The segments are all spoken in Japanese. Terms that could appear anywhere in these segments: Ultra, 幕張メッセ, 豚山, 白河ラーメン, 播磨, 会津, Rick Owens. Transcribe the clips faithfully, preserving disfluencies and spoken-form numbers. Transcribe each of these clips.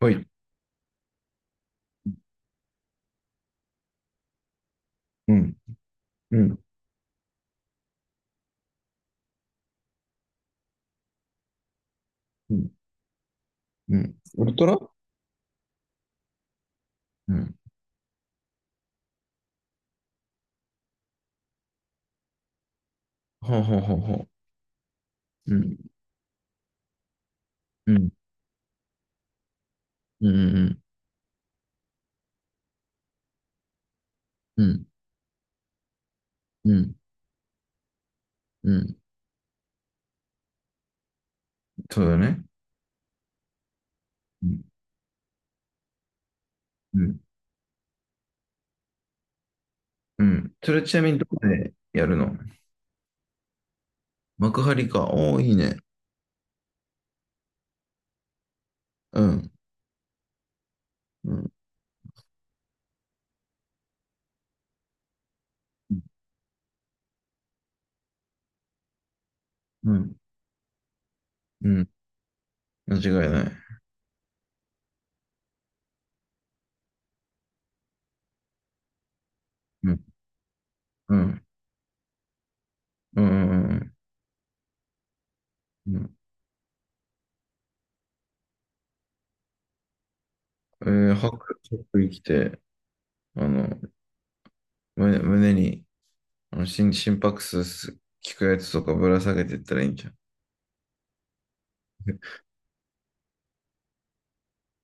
はい。うん、うん、うん、うん。ウルトラ。うん。はあ、はあはあはあ。うん、うん、うん、うん、うん、うん、うん。そうだね。うん、うん、うん。それちなみにどこでやるの？幕張か。おお、いいね。うん、うん、うん、うん。間違いない。うん、うん、うん、うん、うん。うん、えー、白、白着て、あの、胸、胸に、あの、心、心拍数す聞くやつとかぶら下げてったらいいんじゃん。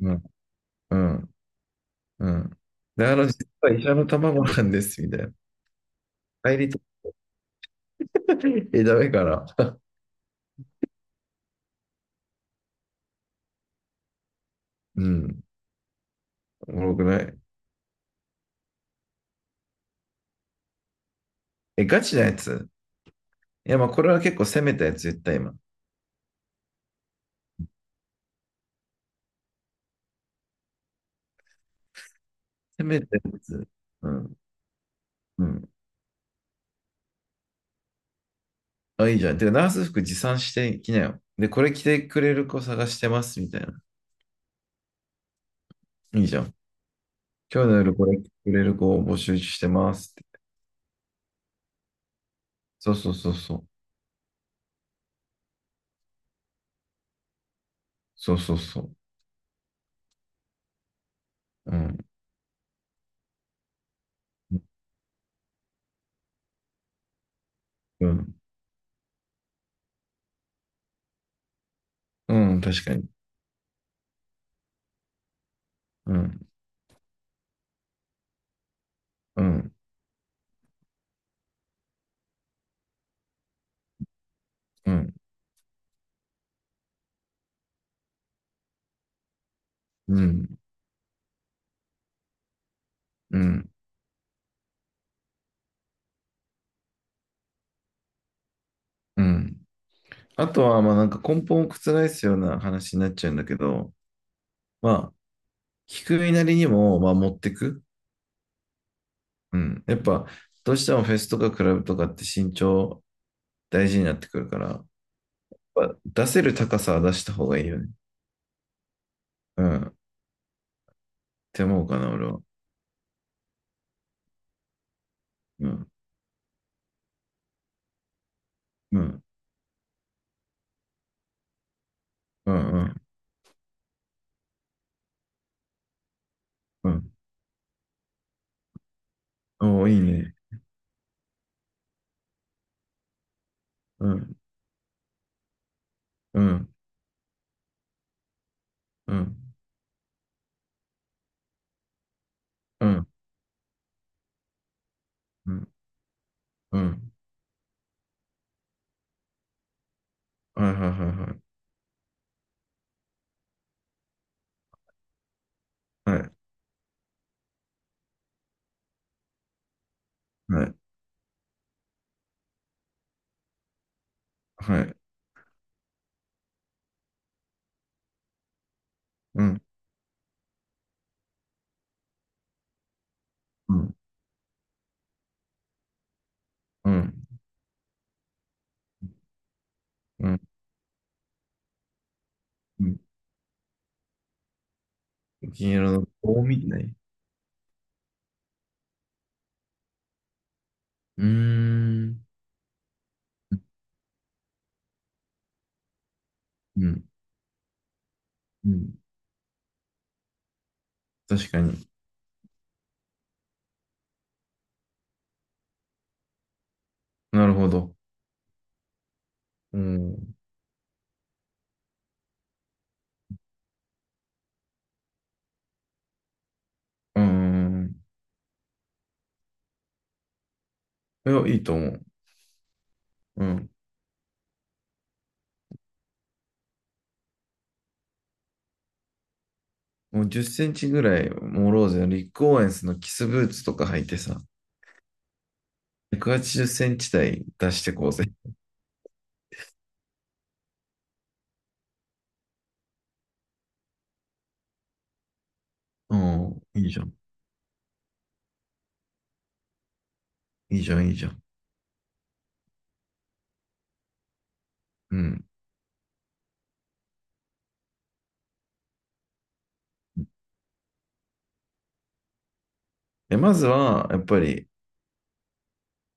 うん、うん。うん。だから実は医者の卵なんです、みたいな。帰りと。え、ダメから。うん。おもろくない。え、ガチなやつ？いや、まあ、これは結構攻めたやつ、絶対今。攻めたやつ。うん。うん。あ、いいじゃん。で、ナース服持参してきなよ。で、これ着てくれる子探してます、みたいな。いいじゃん。今日の夜これ着てくれる子を募集してますって。そうそうそうそう。そうそうそう。うん。うん。うん、確かに。うん。うん。うん。うん。うん。うん。あとは、まあなんか根本を覆すような話になっちゃうんだけど、まあ、聞く身なりにも、まあ持ってく。うん。やっぱ、どうしてもフェスとかクラブとかって身長大事になってくるから、やっぱ出せる高さは出した方がいいよね。うん。って思うかな、俺は。うん。うん。うん。うん。うん。おお、いいね。うん。うん。うん。うん。うん。うん。はいはいはいはい。はい。はい。はい。うん。うん。うん。うん。うん、銀色の棒みたい。うーん。うん。うん。確かに。なるほど。うん。うん。いや、いいと思う。うん。もうじゅっセンチぐらい、モローゼのリック・オーエンスのキスブーツとか履いてさ、ひゃくはちじゅっセンチ台出してこうぜ。うん。いいじゃん。いいじゃん、いいじゃん。うん。え、まずは、やっぱり、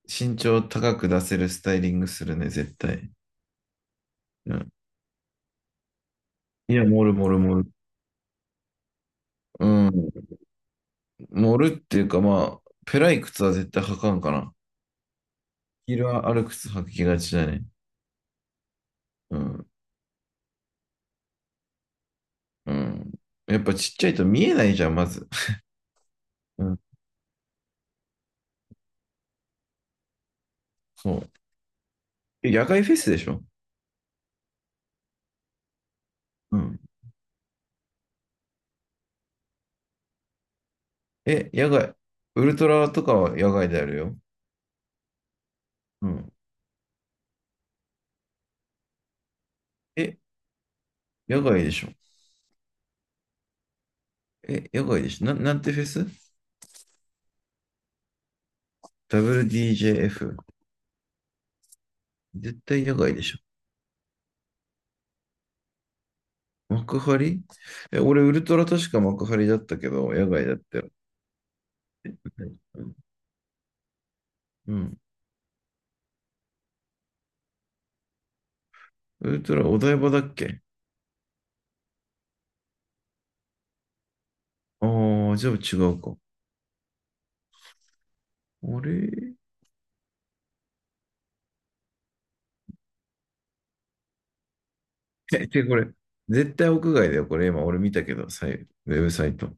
身長高く出せるスタイリングするね、絶対。うん。いや、盛る盛る盛る。うん。盛るっていうか、まあ、ペライ靴は絶対履かんかな。ヒールはある靴履きがちだね。うん。うん。やっぱちっちゃいと見えないじゃん、まず。うん。そう。え、野外フェスでしょ？うん。え、野外。ウルトラとかは野外であるよ。うん。え、野外でしょ？え、野外でしょ？な、なんてフェス？ ダブリューディージェーエフ？絶対野外でしょ？幕張？え、俺、ウルトラ確か幕張だったけど、野外だったよ。うん。うん、ウルトラお台場だっけ？ああー、じゃあ違うか。あれえ、で、これ、絶対屋外だよ。これ今、俺見たけど、さいウェブサイト。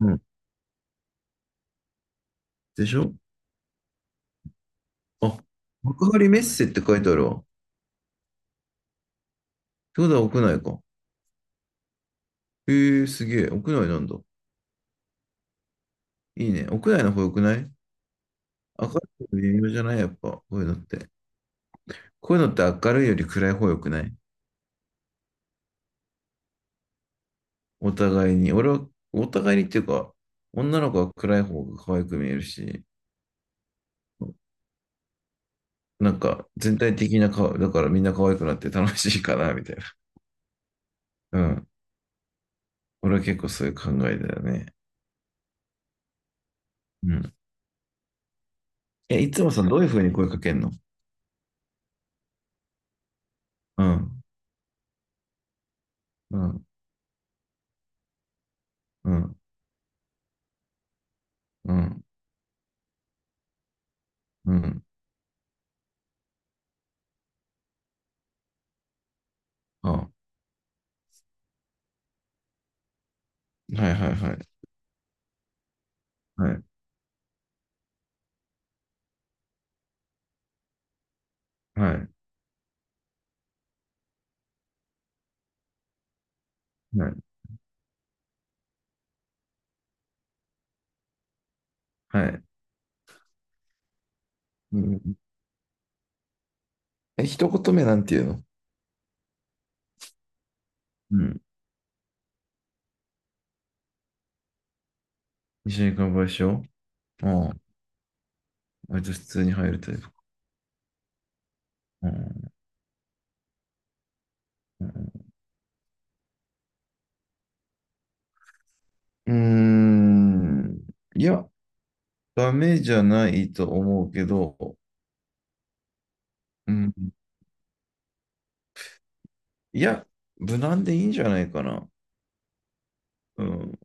うん。でしょ？あ、幕張メッセって書いてあるわ。ってことは屋内か。へえ、すげえ。屋内なんだ。いいね。屋内の方良くない？明るいの微妙じゃない？やっぱ。こういうのって。こういうのって明るいより暗い方良くない？お互いに。俺は、お互いにっていうか、女の子は暗い方が可愛く見えるし、なんか全体的な顔、だからみんな可愛くなって楽しいかな、みたいな。うん。俺は結構そういう考えだよね。うん。え、いつもそのどういうふうに声かけんの？うん、うん、うん、うん、うん。あ、はいはいはい。はい、はい、はい、はい。うん、え、一言目なんていうの？うん。一緒に乾杯しよう。ああ、割と普通に入るタイプか。うん。うん。うーん。いや、ダメじゃないと思うけど、うん。いや、無難でいいんじゃないかな。うん。